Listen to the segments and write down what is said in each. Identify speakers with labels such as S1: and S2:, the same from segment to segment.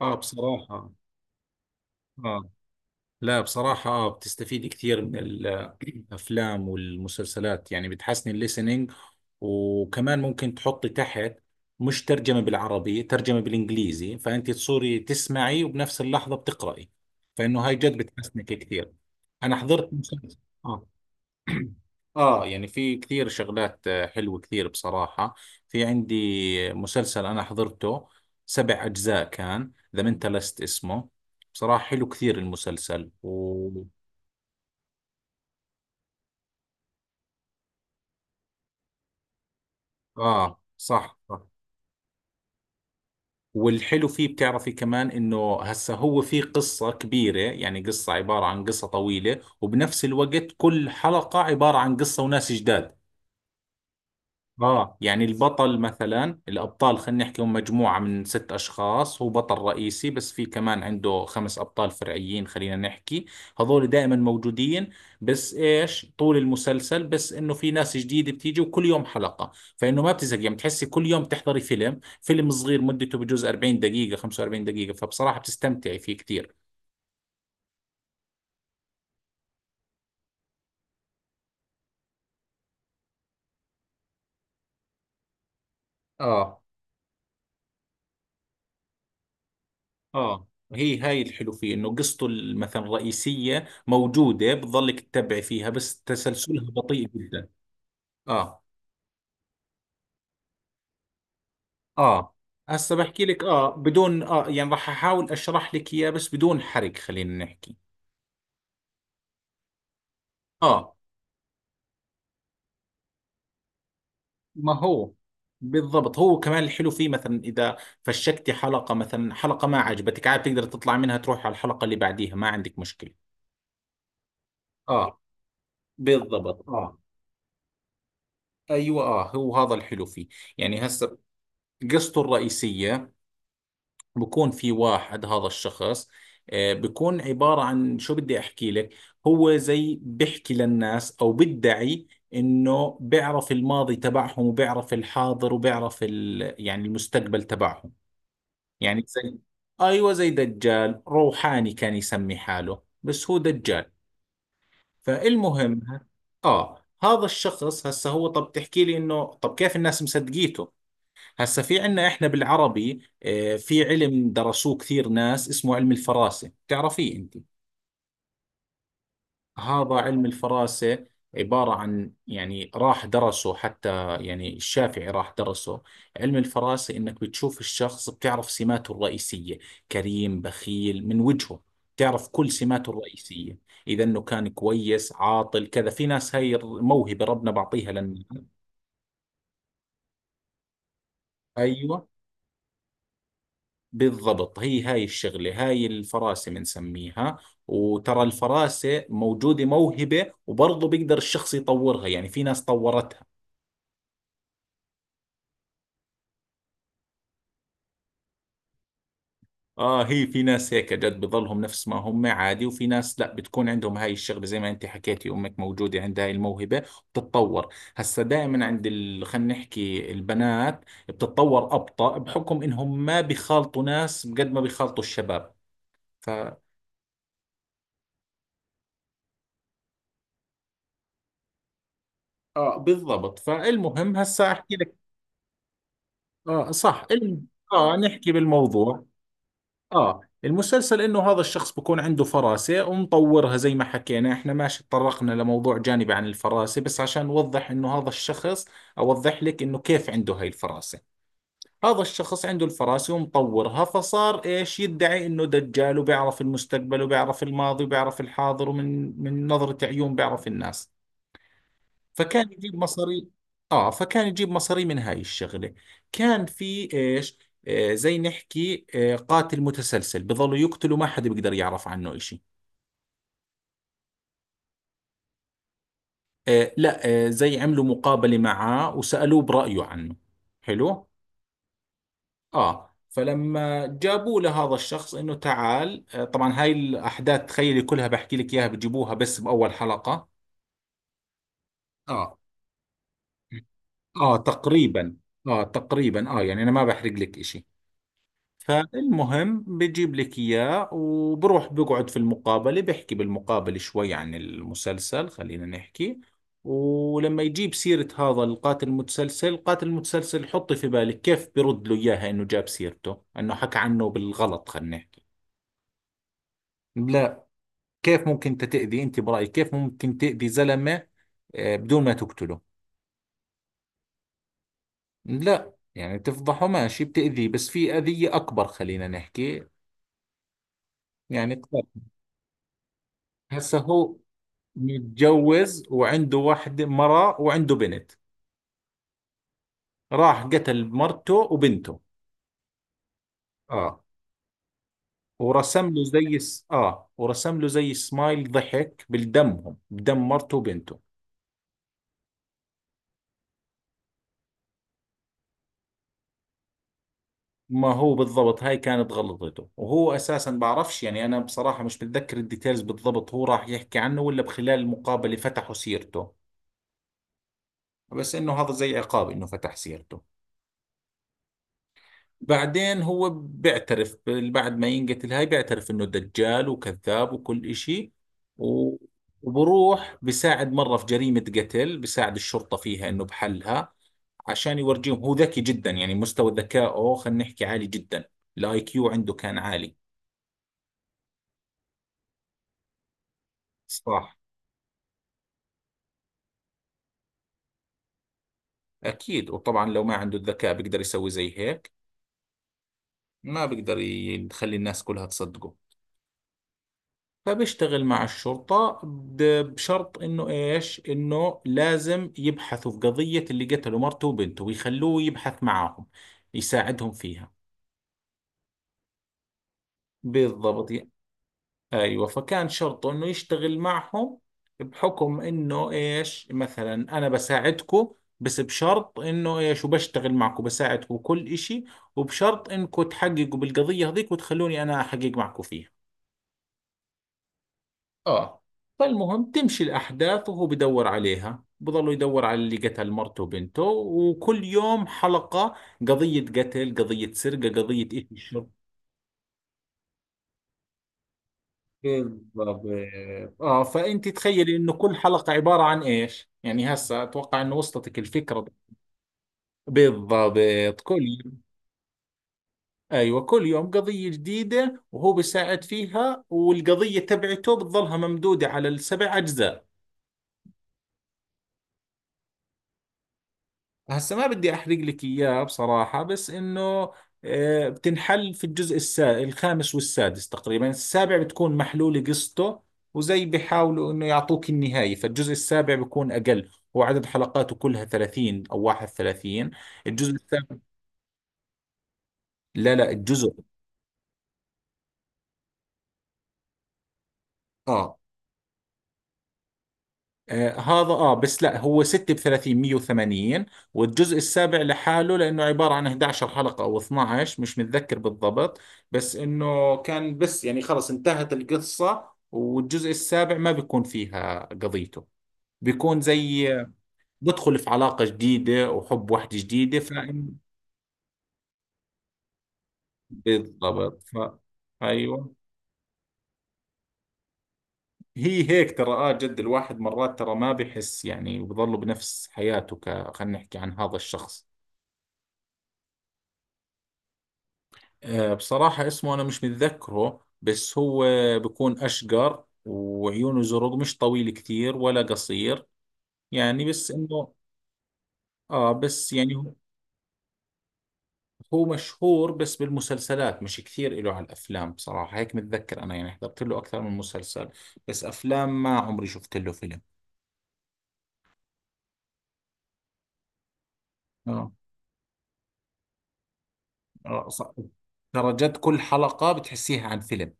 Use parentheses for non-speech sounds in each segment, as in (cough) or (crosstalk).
S1: اه بصراحة. اه. لا بصراحة، بتستفيد كثير من الافلام والمسلسلات، يعني بتحسن الليسننج. وكمان ممكن تحطي تحت، مش ترجمة بالعربي ترجمة بالانجليزي، فانت تصوري تسمعي وبنفس اللحظة بتقرأي، فانه هاي جد بتحسنك كثير. انا حضرت مسلسل. آه. يعني في كثير شغلات، حلوة كثير بصراحة. في عندي مسلسل أنا حضرته سبع أجزاء، كان ذا منتالست اسمه. بصراحة حلو كثير المسلسل. آه، صح صح. والحلو فيه بتعرفي كمان إنه هسا هو في قصة كبيرة، يعني قصة عبارة عن قصة طويلة، وبنفس الوقت كل حلقة عبارة عن قصة وناس جداد. اه يعني البطل مثلا الابطال خلينا نحكي، هم مجموعة من ست اشخاص، هو بطل رئيسي بس في كمان عنده خمس ابطال فرعيين خلينا نحكي. هذول دائما موجودين، بس ايش طول المسلسل بس انه في ناس جديدة بتيجي وكل يوم حلقة، فانه ما بتزهق، يعني بتحسي كل يوم بتحضري فيلم صغير مدته بجوز 40 دقيقة 45 دقيقة، فبصراحة بتستمتعي فيه كثير. اه. اه هي هاي الحلو فيه انه قصته مثلا الرئيسية موجودة، بتضلك تتبع فيها، بس تسلسلها بطيء جدا. اه. اه، هسه بحكي لك، بدون، يعني راح احاول اشرح لك اياه بس بدون حرق خلينا نحكي. اه، ما هو بالضبط، هو كمان الحلو فيه مثلا اذا فشكتي حلقة، مثلا حلقة ما عجبتك، عاد بتقدر تطلع منها تروح على الحلقة اللي بعديها، ما عندك مشكلة. اه، بالضبط. اه، ايوه. اه، هو هذا الحلو فيه. يعني هسه قصته الرئيسية، بكون في واحد هذا الشخص، بكون عبارة عن شو بدي أحكي لك. هو زي بحكي للناس أو بدعي إنه بيعرف الماضي تبعهم وبيعرف الحاضر وبيعرف يعني المستقبل تبعهم. يعني زي، أيوة زي دجال روحاني كان يسمي حاله، بس هو دجال. فالمهم، آه، هذا الشخص هسه هو. طب تحكي لي إنه طب كيف الناس مصدقيته؟ هسا في عنا احنا بالعربي، في علم درسوه كثير ناس اسمه علم الفراسة، بتعرفيه انت؟ هذا علم الفراسة، عبارة عن، يعني راح درسه حتى، يعني الشافعي راح درسه. علم الفراسة انك بتشوف الشخص بتعرف سماته الرئيسية، كريم بخيل من وجهه، بتعرف كل سماته الرئيسية، إذا إنه كان كويس عاطل كذا. في ناس هاي موهبة ربنا بعطيها لنا. أيوة، بالضبط. هي هاي الشغلة هاي الفراسة بنسميها. وترى الفراسة موجودة موهبة، وبرضه بيقدر الشخص يطورها، يعني في ناس طورتها. اه، هي في ناس هيك جد بضلهم نفس ما هم عادي، وفي ناس لا بتكون عندهم هاي الشغلة، زي ما انت حكيتي امك موجودة عندها هاي الموهبة. بتتطور هسا دائما عند خلينا نحكي البنات، بتتطور أبطأ بحكم انهم ما بيخالطوا ناس قد ما بيخالطوا الشباب ف... اه، بالضبط. فالمهم هسا احكي لك. اه، صح. اه، نحكي بالموضوع. اه المسلسل انه هذا الشخص بكون عنده فراسة ومطورها زي ما حكينا احنا، ماشي، تطرقنا لموضوع جانبي عن الفراسة بس عشان نوضح انه هذا الشخص، اوضح لك انه كيف عنده هاي الفراسة. هذا الشخص عنده الفراسة ومطورها، فصار ايش، يدعي انه دجال وبيعرف المستقبل وبيعرف الماضي وبيعرف الحاضر، ومن نظرة عيون بيعرف الناس. فكان يجيب مصاري. اه، فكان يجيب مصاري من هاي الشغلة. كان في ايش، زي نحكي، آه قاتل متسلسل، بظلوا يقتلوا ما حدا بيقدر يعرف عنه اشي. آه، لا. زي عملوا مقابلة معاه وسألوه برأيه عنه. حلو. اه، فلما جابوا لهذا الشخص انه تعال، طبعا هاي الاحداث تخيلي كلها بحكي لك اياها، بجيبوها بس باول حلقة. اه. اه تقريبا. اه تقريبا. اه يعني انا ما بحرق لك اشي. فالمهم بجيب لك إياه وبروح بقعد في المقابلة، بحكي بالمقابلة شوي عن المسلسل خلينا نحكي. ولما يجيب سيرة هذا القاتل المتسلسل، حطي في بالك كيف برد له إياها، إنه جاب سيرته إنه حكى عنه بالغلط خلينا نحكي. لا، كيف ممكن أنت تأذي، أنت برأيك كيف ممكن تأذي زلمة، بدون ما تقتله؟ لا، يعني تفضحه؟ ماشي، بتأذيه بس في أذية أكبر خلينا نحكي. يعني قتل. هسا هو متجوز وعنده واحدة مرة وعنده بنت. راح قتل مرته وبنته. اه. ورسم له زي سمايل ضحك بالدمهم، بدم مرته وبنته. ما هو بالضبط، هاي كانت غلطته، وهو اساسا بعرفش، يعني انا بصراحة مش بتذكر الديتيلز بالضبط، هو راح يحكي عنه ولا بخلال المقابلة فتحوا سيرته. بس انه هذا زي عقاب انه فتح سيرته. بعدين هو بعد ما ينقتل هاي بيعترف انه دجال وكذاب وكل اشي. و- وبروح بساعد مرة في جريمة قتل، بساعد الشرطة فيها انه بحلها، عشان يورجيهم هو ذكي جدا، يعني مستوى ذكائه خلينا نحكي عالي جدا، الاي كيو عنده كان عالي. صح، اكيد. وطبعا لو ما عنده الذكاء بيقدر يسوي زي هيك، ما بيقدر يخلي الناس كلها تصدقه. فبيشتغل مع الشرطة بشرط انه ايش، انه لازم يبحثوا في قضية اللي قتلوا مرته وبنته، ويخلوه يبحث معاهم، يساعدهم فيها. بالضبط. ايوه، فكان شرطه انه يشتغل معهم بحكم انه ايش، مثلا انا بساعدكم، بس بشرط انه ايش، وبشتغل معكم بساعدكم كل اشي، وبشرط انكم تحققوا بالقضية هذيك وتخلوني انا احقق معكم فيها. اه. فالمهم تمشي الأحداث وهو بدور عليها، بضل يدور على اللي قتل مرته وبنته، وكل يوم حلقة، قضية قتل قضية سرقة قضية إيش شر. بالضبط. اه فأنت تخيلي إنه كل حلقة عبارة عن إيش، يعني هسه أتوقع إنه وصلتك الفكرة. بالضبط كل يوم. أيوة، كل يوم قضية جديدة وهو بيساعد فيها، والقضية تبعته بتظلها ممدودة على السبع أجزاء. هسه ما بدي احرق لك اياه بصراحة، بس انه، بتنحل في الخامس والسادس تقريبا، السابع بتكون محلولة قصته، وزي بيحاولوا انه يعطوك النهاية، فالجزء السابع بيكون اقل، وعدد حلقاته كلها 30 او 31. الجزء السابع. لا لا، الجزء. اه، آه هذا، اه بس لا هو 6 ب 30 180. والجزء السابع لحاله، لانه عبارة عن 11 حلقة او 12 مش متذكر بالضبط، بس انه كان بس يعني خلص انتهت القصة، والجزء السابع ما بيكون فيها قضيته، بيكون زي، بدخل في علاقة جديدة وحب واحدة جديدة فإن. بالضبط ايوه. هي هيك ترى، اه جد الواحد مرات ترى ما بحس يعني، وبضله بنفس حياته ك خلينا نحكي عن هذا الشخص. آه، بصراحة اسمه أنا مش متذكره، بس هو بكون أشقر وعيونه زرق، مش طويل كثير ولا قصير، يعني بس إنه، بس يعني هو، هو مشهور بس بالمسلسلات مش كثير إله على الأفلام، بصراحة هيك متذكر أنا، يعني حضرت له أكثر من مسلسل بس أفلام ما عمري شفت له فيلم. آه. آه صح. ترى جد كل حلقة بتحسيها عن فيلم.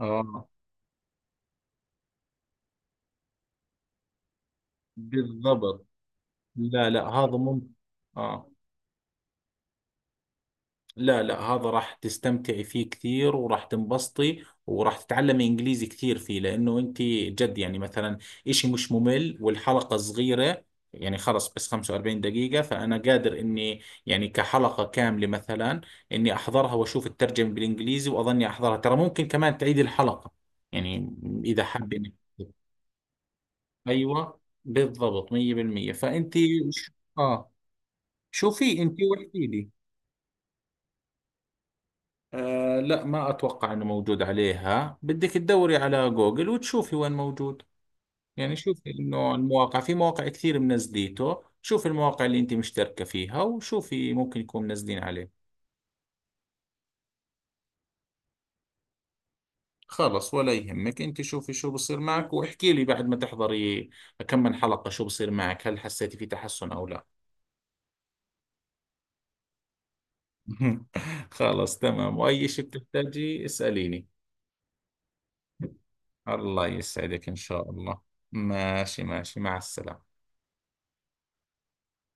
S1: آه، بالضبط. لا لا هذا ممكن. آه، لا لا، هذا راح تستمتعي فيه كثير، وراح تنبسطي، وراح تتعلمي انجليزي كثير فيه، لانه انت جد، يعني مثلا اشي مش ممل والحلقة صغيرة، يعني خلص بس 45 دقيقة، فأنا قادر إني، يعني كحلقة كاملة مثلا، إني أحضرها وأشوف الترجمة بالإنجليزي، وأظني أحضرها، ترى ممكن كمان تعيد الحلقة، يعني إذا حابة إنك. أيوة، بالضبط 100%. فأنت ش- آه، شوفي أنت واحكي لي. آه، لا ما أتوقع أنه موجود عليها، بدك تدوري على جوجل وتشوفي وين موجود، يعني شوفي أنه المواقع، في مواقع كثير منزليته، شوفي المواقع اللي أنت مشتركة فيها وشوفي ممكن يكون منزلين عليه. خلص ولا يهمك، أنت شوفي شو بصير معك واحكي لي بعد ما تحضري كم من حلقة، شو بصير معك، هل حسيتي في تحسن أو لا؟ (laughs) خلص تمام، وأي شيء بتحتاجي اسأليني. الله يسعدك إن شاء الله. ماشي ماشي، مع السلامة.